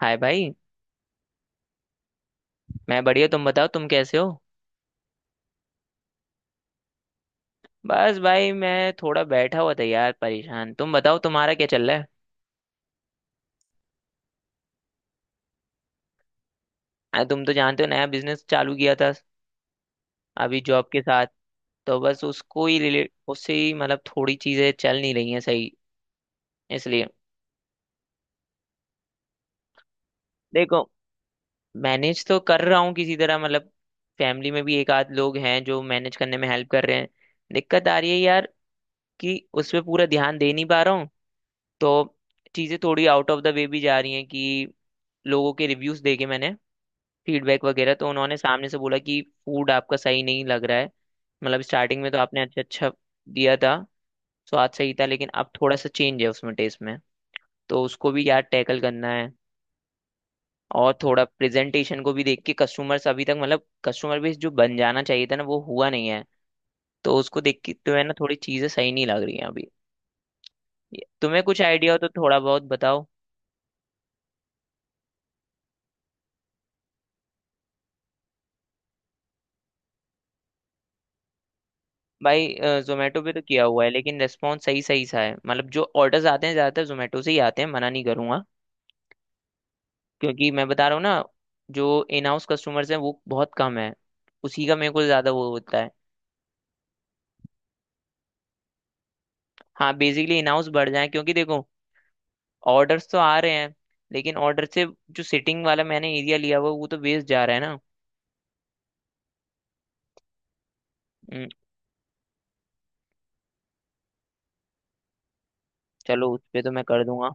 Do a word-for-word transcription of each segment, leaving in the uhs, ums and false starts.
हाय भाई। मैं बढ़िया, तुम बताओ तुम कैसे हो? बस भाई मैं थोड़ा बैठा हुआ था यार, परेशान। तुम बताओ तुम्हारा क्या चल रहा है? अरे तुम तो जानते हो, नया बिजनेस चालू किया था अभी जॉब के साथ। तो बस उसको ही रिलेट, उससे ही मतलब थोड़ी चीजें चल नहीं रही हैं सही। इसलिए देखो, मैनेज तो कर रहा हूँ किसी तरह, मतलब फैमिली में भी एक आध लोग हैं जो मैनेज करने में हेल्प कर रहे हैं। दिक्कत आ रही है यार कि उस पर पूरा ध्यान दे नहीं पा रहा हूँ। तो चीजें थोड़ी आउट ऑफ द वे भी जा रही हैं कि लोगों के रिव्यूज देखे मैंने, फीडबैक वगैरह तो उन्होंने सामने से बोला कि फूड आपका सही नहीं लग रहा है। मतलब स्टार्टिंग में तो आपने अच्छा अच्छा दिया था, स्वाद सही था, लेकिन अब थोड़ा सा चेंज है उसमें, टेस्ट में। तो उसको भी यार टैकल करना है। और थोड़ा प्रेजेंटेशन को भी देख के, कस्टमर्स अभी तक मतलब कस्टमर बेस जो बन जाना चाहिए था ना वो हुआ नहीं है। तो उसको देख के तो है ना, थोड़ी चीजें सही नहीं लग रही हैं अभी। तुम्हें कुछ आइडिया हो तो थोड़ा बहुत बताओ। भाई जोमेटो पे तो किया हुआ है, लेकिन रेस्पॉन्स सही सही सा है, मतलब जो ऑर्डर्स आते हैं ज्यादातर जोमेटो से ही आते हैं, मना नहीं करूंगा। क्योंकि मैं बता रहा हूँ ना, जो इन हाउस कस्टमर्स हैं वो बहुत कम है। उसी का मेरे को ज्यादा वो होता है। हाँ बेसिकली इन हाउस बढ़ जाए, क्योंकि देखो ऑर्डर्स तो आ रहे हैं, लेकिन ऑर्डर से जो सिटिंग वाला मैंने एरिया लिया हुआ है, वो तो वेस्ट जा रहा है ना। हम्म। चलो उस पे तो मैं कर दूंगा।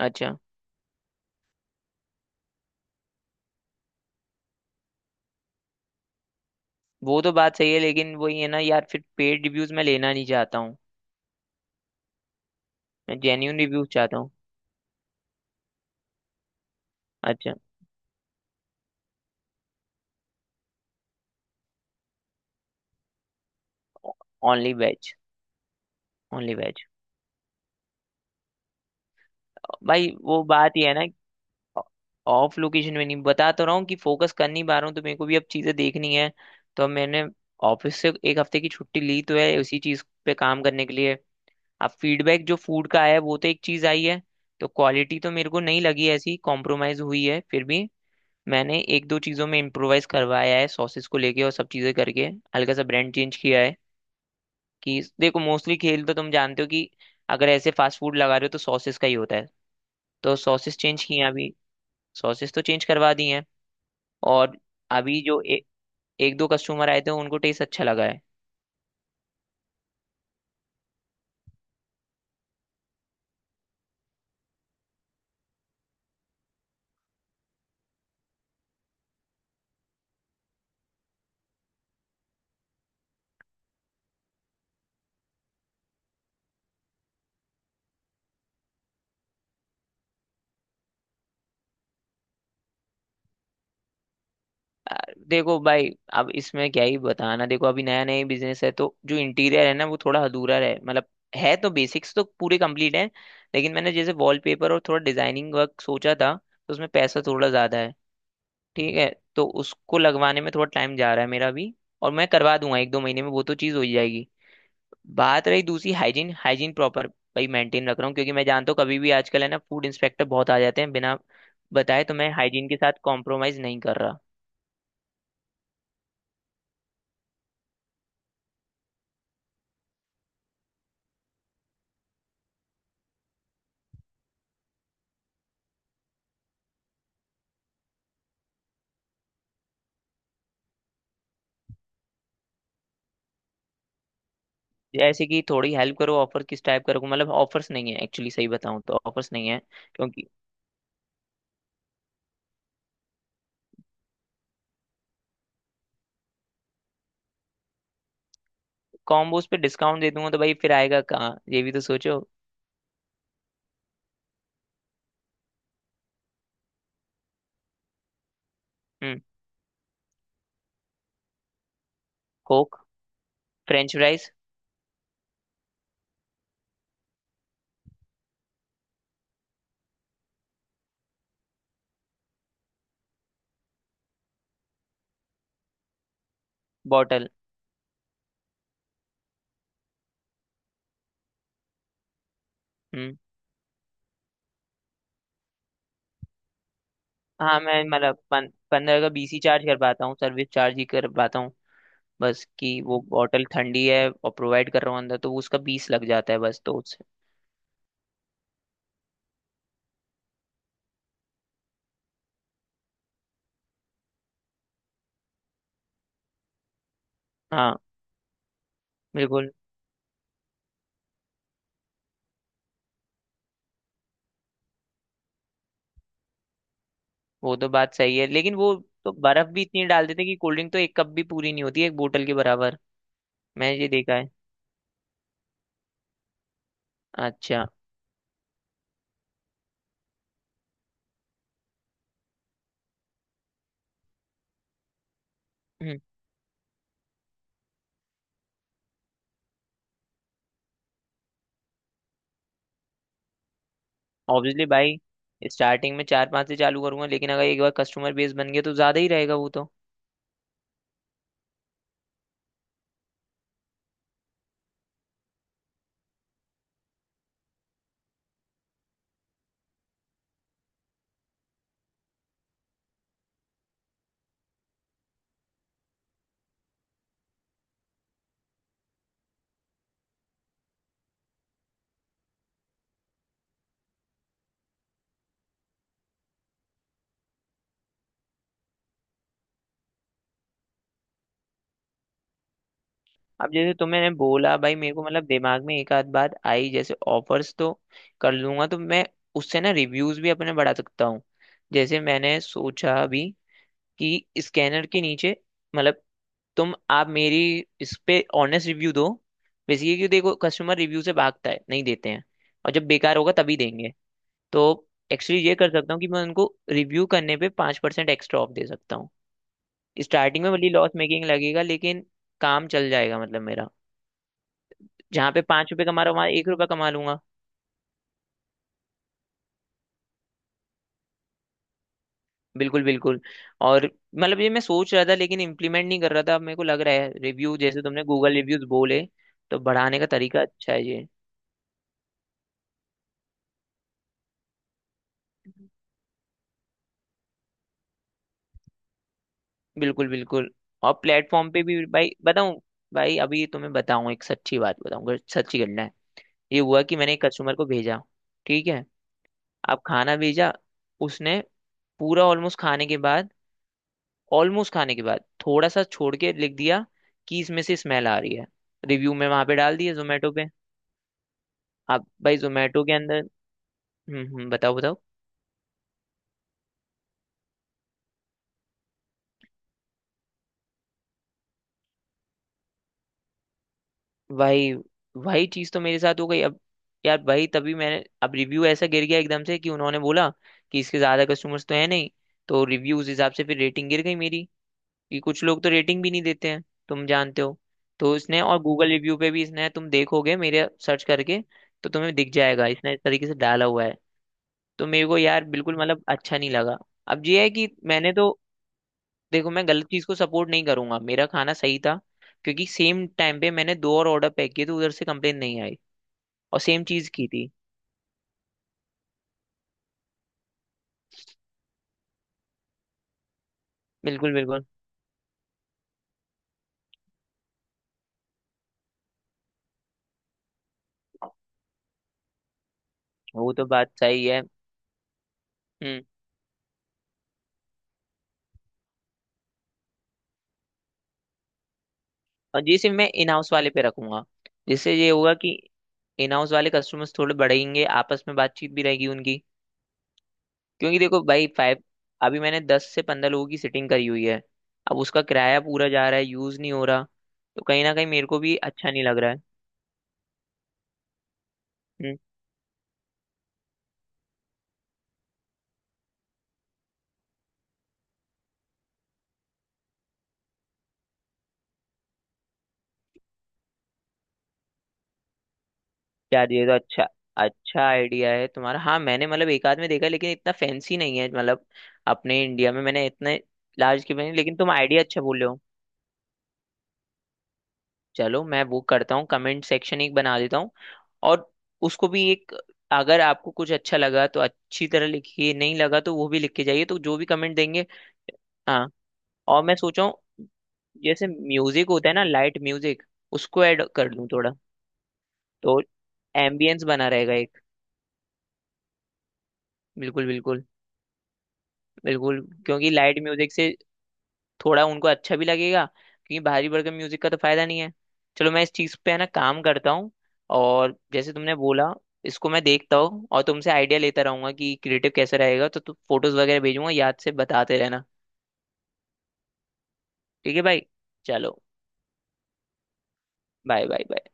अच्छा, वो तो बात सही है लेकिन वही है ना यार, फिर पेड रिव्यूज मैं लेना नहीं चाहता हूँ। मैं जेन्यून रिव्यूज चाहता हूँ। अच्छा। Only veg. Only veg. भाई वो बात ही है ना, ऑफ लोकेशन में नहीं, बता तो रहा हूँ कि फोकस कर नहीं पा रहा हूँ, तो मेरे को भी अब चीजें देखनी है। तो अब मैंने ऑफिस से एक हफ्ते की छुट्टी ली तो है उसी चीज पे काम करने के लिए। अब फीडबैक जो फूड का आया है वो तो एक चीज आई है। तो क्वालिटी तो मेरे को नहीं लगी ऐसी कॉम्प्रोमाइज हुई है, फिर भी मैंने एक दो चीजों में इम्प्रोवाइज करवाया है, सॉसेस को लेके और सब चीजें करके। हल्का सा ब्रांड चेंज किया है कि देखो, मोस्टली खेल तो तुम जानते हो कि अगर ऐसे फास्ट फूड लगा रहे हो तो सॉसेस का ही होता है। तो सॉसेस चेंज किए हैं अभी। सॉसेस तो चेंज करवा दी हैं। और अभी जो ए, एक दो कस्टमर आए थे उनको टेस्ट अच्छा लगा है। आ, देखो भाई, अब इसमें क्या ही बताना, देखो अभी नया नया बिजनेस है तो जो इंटीरियर है ना वो थोड़ा अधूरा है, मतलब है तो बेसिक्स तो पूरे कंप्लीट है। लेकिन मैंने जैसे वॉलपेपर और थोड़ा डिजाइनिंग वर्क सोचा था तो उसमें पैसा थोड़ा ज्यादा है, ठीक है, तो उसको लगवाने में थोड़ा टाइम जा रहा है मेरा भी। और मैं करवा दूंगा एक दो महीने में, वो तो चीज़ हो ही जाएगी। बात रही दूसरी, हाइजीन। हाइजीन प्रॉपर भाई मेंटेन रख रहा हूँ, क्योंकि मैं जानता हूँ कभी भी आजकल है ना फूड इंस्पेक्टर बहुत आ जाते हैं बिना बताए, तो मैं हाइजीन के साथ कॉम्प्रोमाइज नहीं कर रहा। जैसे कि थोड़ी हेल्प करो, ऑफर किस टाइप का रखूँ, मतलब ऑफर्स नहीं है एक्चुअली, सही बताऊँ तो ऑफर्स नहीं है। क्योंकि कॉम्बोज पे डिस्काउंट दे दूंगा तो भाई फिर आएगा कहाँ, ये भी तो सोचो। हम्म। कोक। French fries. बॉटल। हम्म। हाँ मैं मतलब पं, पंद्रह का बीस ही चार्ज कर पाता हूँ, सर्विस चार्ज ही कर पाता हूँ। बस कि वो बॉटल ठंडी है और प्रोवाइड कर रहा हूँ अंदर तो वो उसका बीस लग जाता है बस, तो उससे हाँ बिल्कुल। वो तो बात सही है लेकिन वो तो बर्फ भी इतनी डाल देते हैं कि कोल्ड ड्रिंक तो एक कप भी पूरी नहीं होती है एक बोतल के बराबर। मैंने ये देखा है। अच्छा। ऑब्वियसली भाई। स्टार्टिंग में चार पांच से चालू करूंगा लेकिन अगर एक बार कस्टमर बेस बन गया तो ज्यादा ही रहेगा वो तो। अब जैसे तुमने बोला भाई मेरे को मतलब दिमाग में एक आध बात आई, जैसे ऑफर्स तो कर लूंगा तो मैं उससे ना रिव्यूज भी अपने बढ़ा सकता हूँ। जैसे मैंने सोचा अभी कि स्कैनर के नीचे, मतलब तुम आप मेरी इस पे ऑनेस्ट रिव्यू दो, बेसिकली कि देखो कस्टमर रिव्यू से भागता है, नहीं देते हैं। और जब बेकार होगा तभी देंगे। तो एक्चुअली ये कर सकता हूँ कि मैं उनको रिव्यू करने पे पाँच परसेंट एक्स्ट्रा ऑफ दे सकता हूँ। स्टार्टिंग में भले लॉस मेकिंग लगेगा लेकिन काम चल जाएगा, मतलब मेरा। जहाँ पे पाँच रुपये कमा रहा हूँ वहाँ एक रुपया कमा लूंगा। बिल्कुल बिल्कुल। और मतलब ये मैं सोच रहा था लेकिन इम्प्लीमेंट नहीं कर रहा था, अब मेरे को लग रहा है रिव्यू, जैसे तुमने गूगल रिव्यूज बोले, तो बढ़ाने का तरीका अच्छा है। बिल्कुल बिल्कुल। और प्लेटफॉर्म पे भी भाई बताऊं, भाई अभी तुम्हें बताऊं एक सच्ची बात बताऊं, अगर सच्ची घटना है। ये हुआ कि मैंने एक कस्टमर को भेजा, ठीक है, अब खाना भेजा। उसने पूरा ऑलमोस्ट खाने के बाद, ऑलमोस्ट खाने के बाद थोड़ा सा छोड़ के लिख दिया कि इसमें से स्मेल आ रही है, रिव्यू में वहां पे डाल दिया जोमेटो पे। अब भाई जोमेटो के अंदर। हम्म हम्म, बताओ बताओ। वही, वही चीज तो मेरे साथ हो गई अब यार, वही तभी मैंने, अब रिव्यू ऐसा गिर गया एकदम से कि उन्होंने बोला कि इसके ज्यादा कस्टमर्स तो है नहीं, तो रिव्यू उस हिसाब से, फिर रेटिंग गिर गई मेरी, कि कुछ लोग तो रेटिंग भी नहीं देते हैं, तुम जानते हो। तो इसने और गूगल रिव्यू पे भी इसने, तुम देखोगे मेरे सर्च करके तो तुम्हें दिख जाएगा, इसने इस तरीके से डाला हुआ है। तो मेरे को यार बिल्कुल मतलब अच्छा नहीं लगा। अब ये है कि मैंने तो, देखो मैं गलत चीज को सपोर्ट नहीं करूंगा, मेरा खाना सही था, क्योंकि सेम टाइम पे मैंने दो और ऑर्डर पैक किए तो उधर से कंप्लेन नहीं आई, और सेम चीज की थी। बिल्कुल बिल्कुल। वो तो बात सही है। हम्म। और जैसे मैं इन हाउस वाले पे रखूंगा, जिससे ये होगा कि इन हाउस वाले कस्टमर्स थोड़े बढ़ेंगे, आपस में बातचीत भी रहेगी उनकी। क्योंकि देखो भाई फाइव, अभी मैंने दस से पंद्रह लोगों की सिटिंग करी हुई है। अब उसका किराया पूरा जा रहा है, यूज नहीं हो रहा, तो कहीं ना कहीं मेरे को भी अच्छा नहीं लग रहा है। हम्म। यार ये तो अच्छा, अच्छा आइडिया है तुम्हारा। हाँ मैंने मतलब एक आध में देखा है, लेकिन इतना फैंसी नहीं है मतलब, अपने इंडिया में मैंने इतने लार्ज के बने, लेकिन तुम आइडिया अच्छा बोल। चलो मैं वो करता हूँ, कमेंट सेक्शन एक बना देता हूँ। और उसको भी एक, अगर आपको कुछ अच्छा लगा तो अच्छी तरह लिखिए, नहीं लगा तो वो भी लिख के जाइए। तो जो भी कमेंट देंगे, हाँ। और मैं सोचा हूँ जैसे म्यूजिक होता है ना, लाइट म्यूजिक, उसको ऐड कर लूँ थोड़ा, तो एम्बियंस बना रहेगा एक। बिल्कुल बिल्कुल। बिल्कुल, क्योंकि लाइट म्यूजिक से थोड़ा उनको अच्छा भी लगेगा, क्योंकि भारी भरकम म्यूजिक का तो फायदा नहीं है। चलो मैं इस चीज पे है ना काम करता हूँ। और जैसे तुमने बोला, इसको मैं देखता हूँ और तुमसे आइडिया लेता रहूंगा कि क्रिएटिव कैसे रहेगा, तो तुम फोटोज वगैरह भेजूंगा याद से बताते रहना। ठीक है भाई। चलो, बाय बाय बाय।